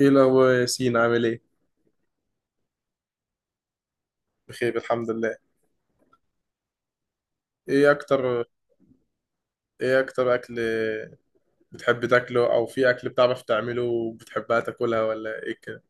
ايه الاخبار يا ياسين عامل ايه؟ بخير الحمد لله. ايه اكتر؟ ايه اكتر اكل بتحب تاكله او في اكل بتعرف تعمله وبتحبها تاكلها ولا ايه كده؟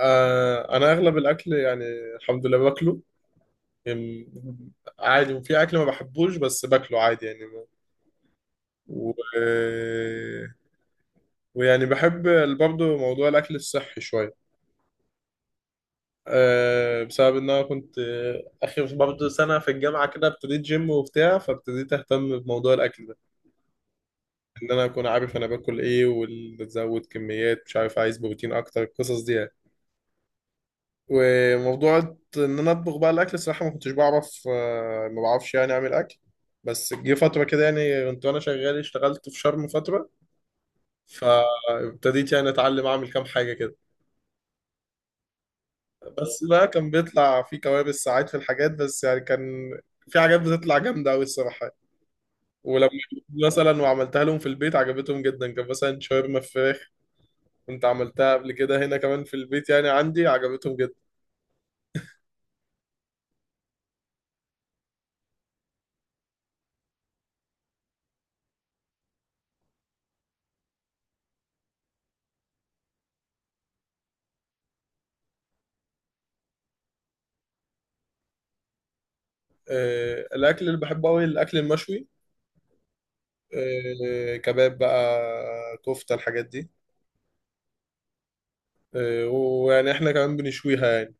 انا اغلب الاكل يعني الحمد لله باكله يعني عادي، وفي اكل ما بحبوش بس باكله عادي يعني و... ويعني بحب برضه موضوع الاكل الصحي شويه. بسبب ان انا كنت، اخر برضه سنه في الجامعه كده ابتديت جيم وبتاع، فابتديت اهتم بموضوع الاكل ده، ان انا اكون عارف انا باكل ايه وازود كميات مش عارف عايز بروتين اكتر القصص دي يعني. وموضوع ان انا اطبخ بقى الاكل، الصراحه ما كنتش بعرف، ما بعرفش يعني اعمل اكل. بس جه فتره كده يعني كنت وانا شغال اشتغلت في شرم فتره، فابتديت يعني اتعلم اعمل كام حاجه كده. بس بقى كان بيطلع في كوابيس ساعات في الحاجات، بس يعني كان في حاجات بتطلع جامده قوي الصراحه يعني. ولما مثلا وعملتها لهم في البيت عجبتهم جدا، كان مثلا شاورما فراخ. انت عملتها قبل كده هنا كمان في البيت يعني عندي، عجبتهم جدا. الاكل اللي بحبه قوي الاكل المشوي. كباب بقى، كفتة، الحاجات دي. ويعني احنا كمان بنشويها يعني،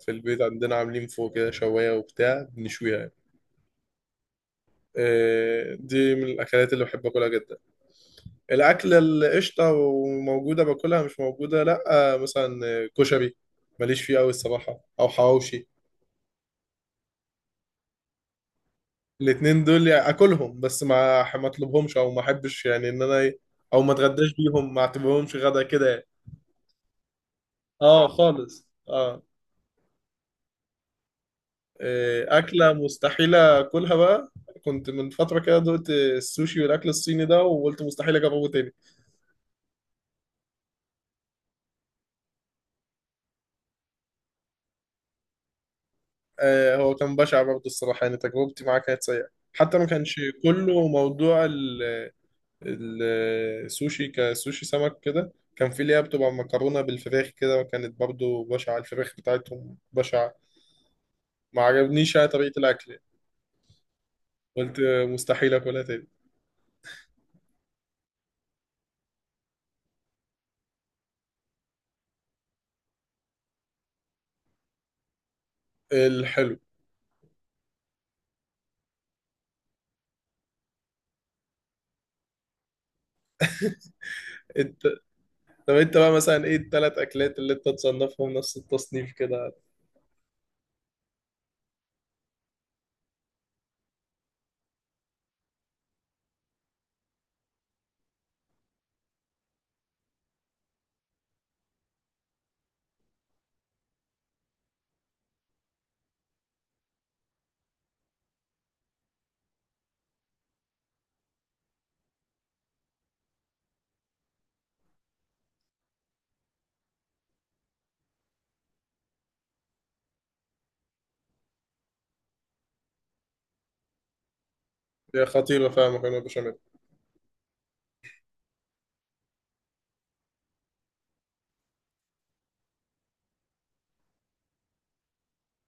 في البيت عندنا عاملين فوق كده شواية وبتاع بنشويها يعني. دي من الاكلات اللي بحب اكلها جدا. الاكل القشطة، وموجودة باكلها، مش موجودة لا. مثلا، كشري، ماليش فيه قوي الصراحة، او حواوشي. الاتنين دول يعني اكلهم، بس ما اطلبهمش او ما احبش يعني ان انا او ما اتغداش بيهم، ما اعتبرهمش غدا كده يعني. اه خالص اه. إيه، اكله مستحيله اكلها بقى. كنت من فتره كده دقت السوشي والاكل الصيني ده، وقلت مستحيل اجربه تاني. هو كان بشع برضه الصراحه، يعني تجربتي معاه كانت سيئه. حتى ما كانش كله موضوع ال- السوشي، كسوشي سمك كده، كان في اللي هي بتبقى مكرونه بالفراخ كده، وكانت برضه بشعه الفراخ بتاعتهم بشعه. ما عجبنيش يعني طريقة الأكل يعني. قلت مستحيل أكلها تاني. الحلو. انت. طب انت بقى مثلا، ايه التلات أكلات اللي انت تصنفهم نفس التصنيف كده؟ هي خطيرة فعلا مكرونة بشاميل.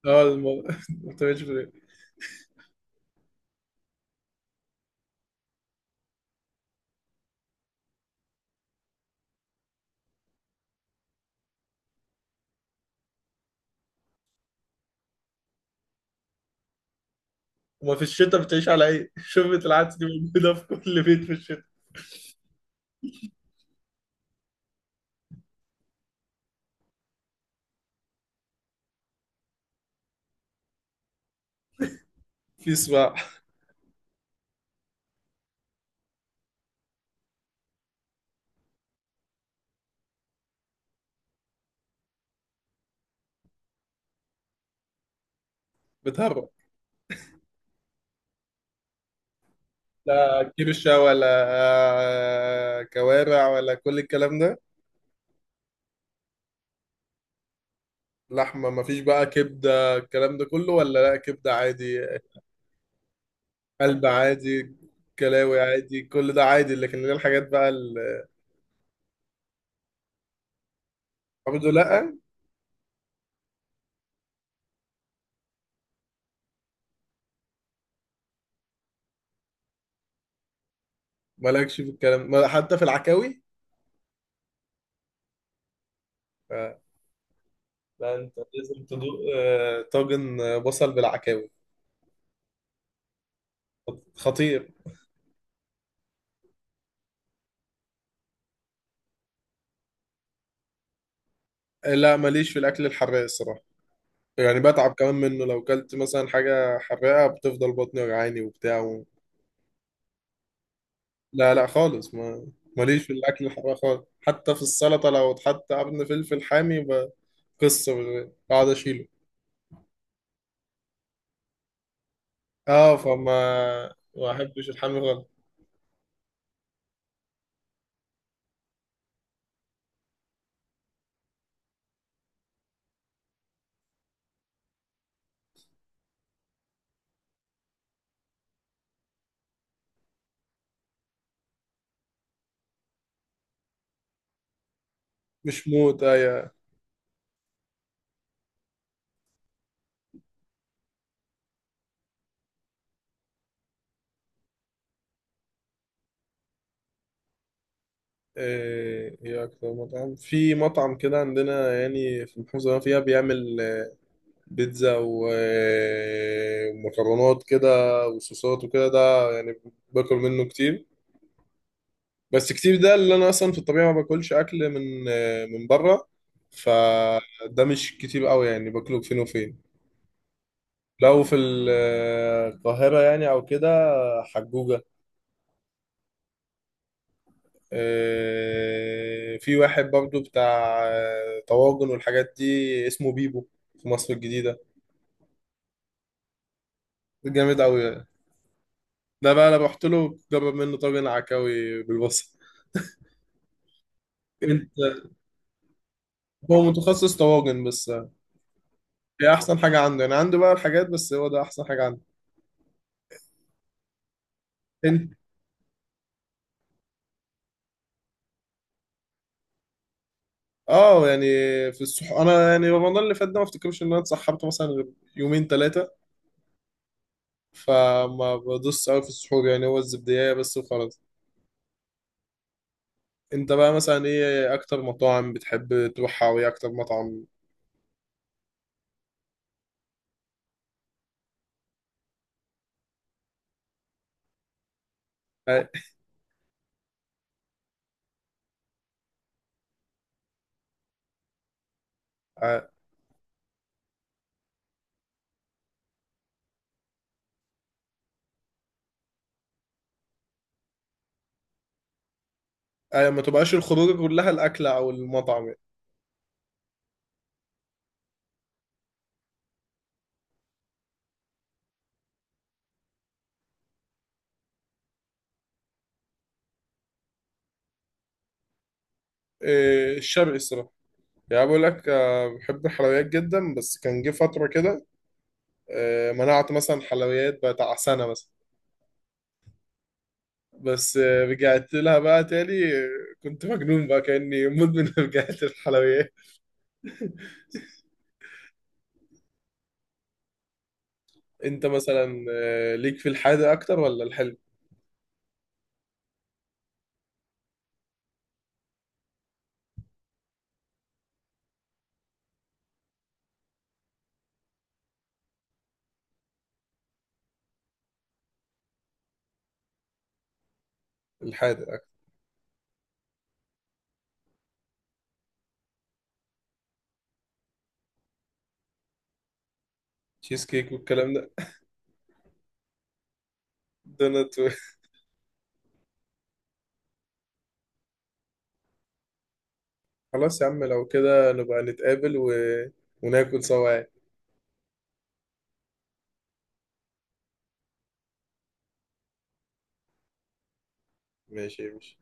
اه، ما بتعملش في البيت. وما في الشتاء بتعيش على ايه؟ شوربة العدس دي موجودة في كل بيت في الشتاء. في سباع. بتهرب؟ لا كرشة ولا، كوارع ولا كل الكلام ده؟ لحمة مفيش، بقى كبدة الكلام ده كله ولا لا كبدة عادي؟ قلب عادي، كلاوي عادي، كل ده عادي، لكن اللي هي الحاجات بقى اللي. برضه لا. مالكش في الكلام، حتى في العكاوي. ف- لا، انت لازم تدوق طاجن بصل بالعكاوي. خطير. لا، ماليش في الاكل الحراق الصراحه. يعني بتعب كمان منه، لو كلت مثلا حاجه حراقه بتفضل بطني وجعاني وبتاع. لا لا خالص، ما ماليش في الاكل الحراق خالص، حتى في السلطه لو اتحط قرن فلفل حامي قصه، بقعد اشيله. اه فما ما احبش الحامي غلط. مش موت ايه؟ ايه هي اكتر مطعم، في مطعم كده عندنا يعني في المحافظه اللي أنا فيها بيعمل بيتزا ومكرونات كده، وصوصات، وكده ده يعني. باكل منه كتير، بس كتير ده اللي انا اصلا في الطبيعه ما باكلش اكل من بره، فده مش كتير قوي يعني باكله فين وفين. لو في القاهره يعني او كده. حجوجه. في واحد برضو بتاع طواجن والحاجات دي، اسمه بيبو. في مصر الجديدة. جامد أوي. ده بقى أنا رحت له، جرب منه طاجن عكاوي بالبصل. أنت. هو متخصص طواجن بس، هي أحسن حاجة عنده، يعني عنده بقى الحاجات، بس هو ده أحسن حاجة عنده. أنت. اه يعني. في الصح انا يعني، رمضان اللي فات ده ما افتكرش ان انا اتسحبت مثلا غير يومين ثلاثه. فما بدوس قوي في السحور، يعني هو الزبديه بس وخلاص. انت بقى مثلا، ايه اكتر مطاعم بتحب تروحها وايه اكتر مطعم؟ اه، اه، اه، ما تبقاش الخروج كلها الاكل او المطعم. إيه، الشرقي الصراحه. يعني بقول لك، اه بحب الحلويات جدا، بس كان جه فتره كده. اه، منعت مثلا حلويات بتاع سنه مثلا. بس اه رجعت لها بقى تاني اه. كنت مجنون بقى كاني مدمن، رجعت الحلويات. انت مثلا، اه ليك في الحادق اكتر ولا الحلو؟ الحادق اكتر. تشيز كيك والكلام ده. دونات. خلاص يا عم، لو كده نبقى نتقابل وناكل سوا. ماشي، ماشي.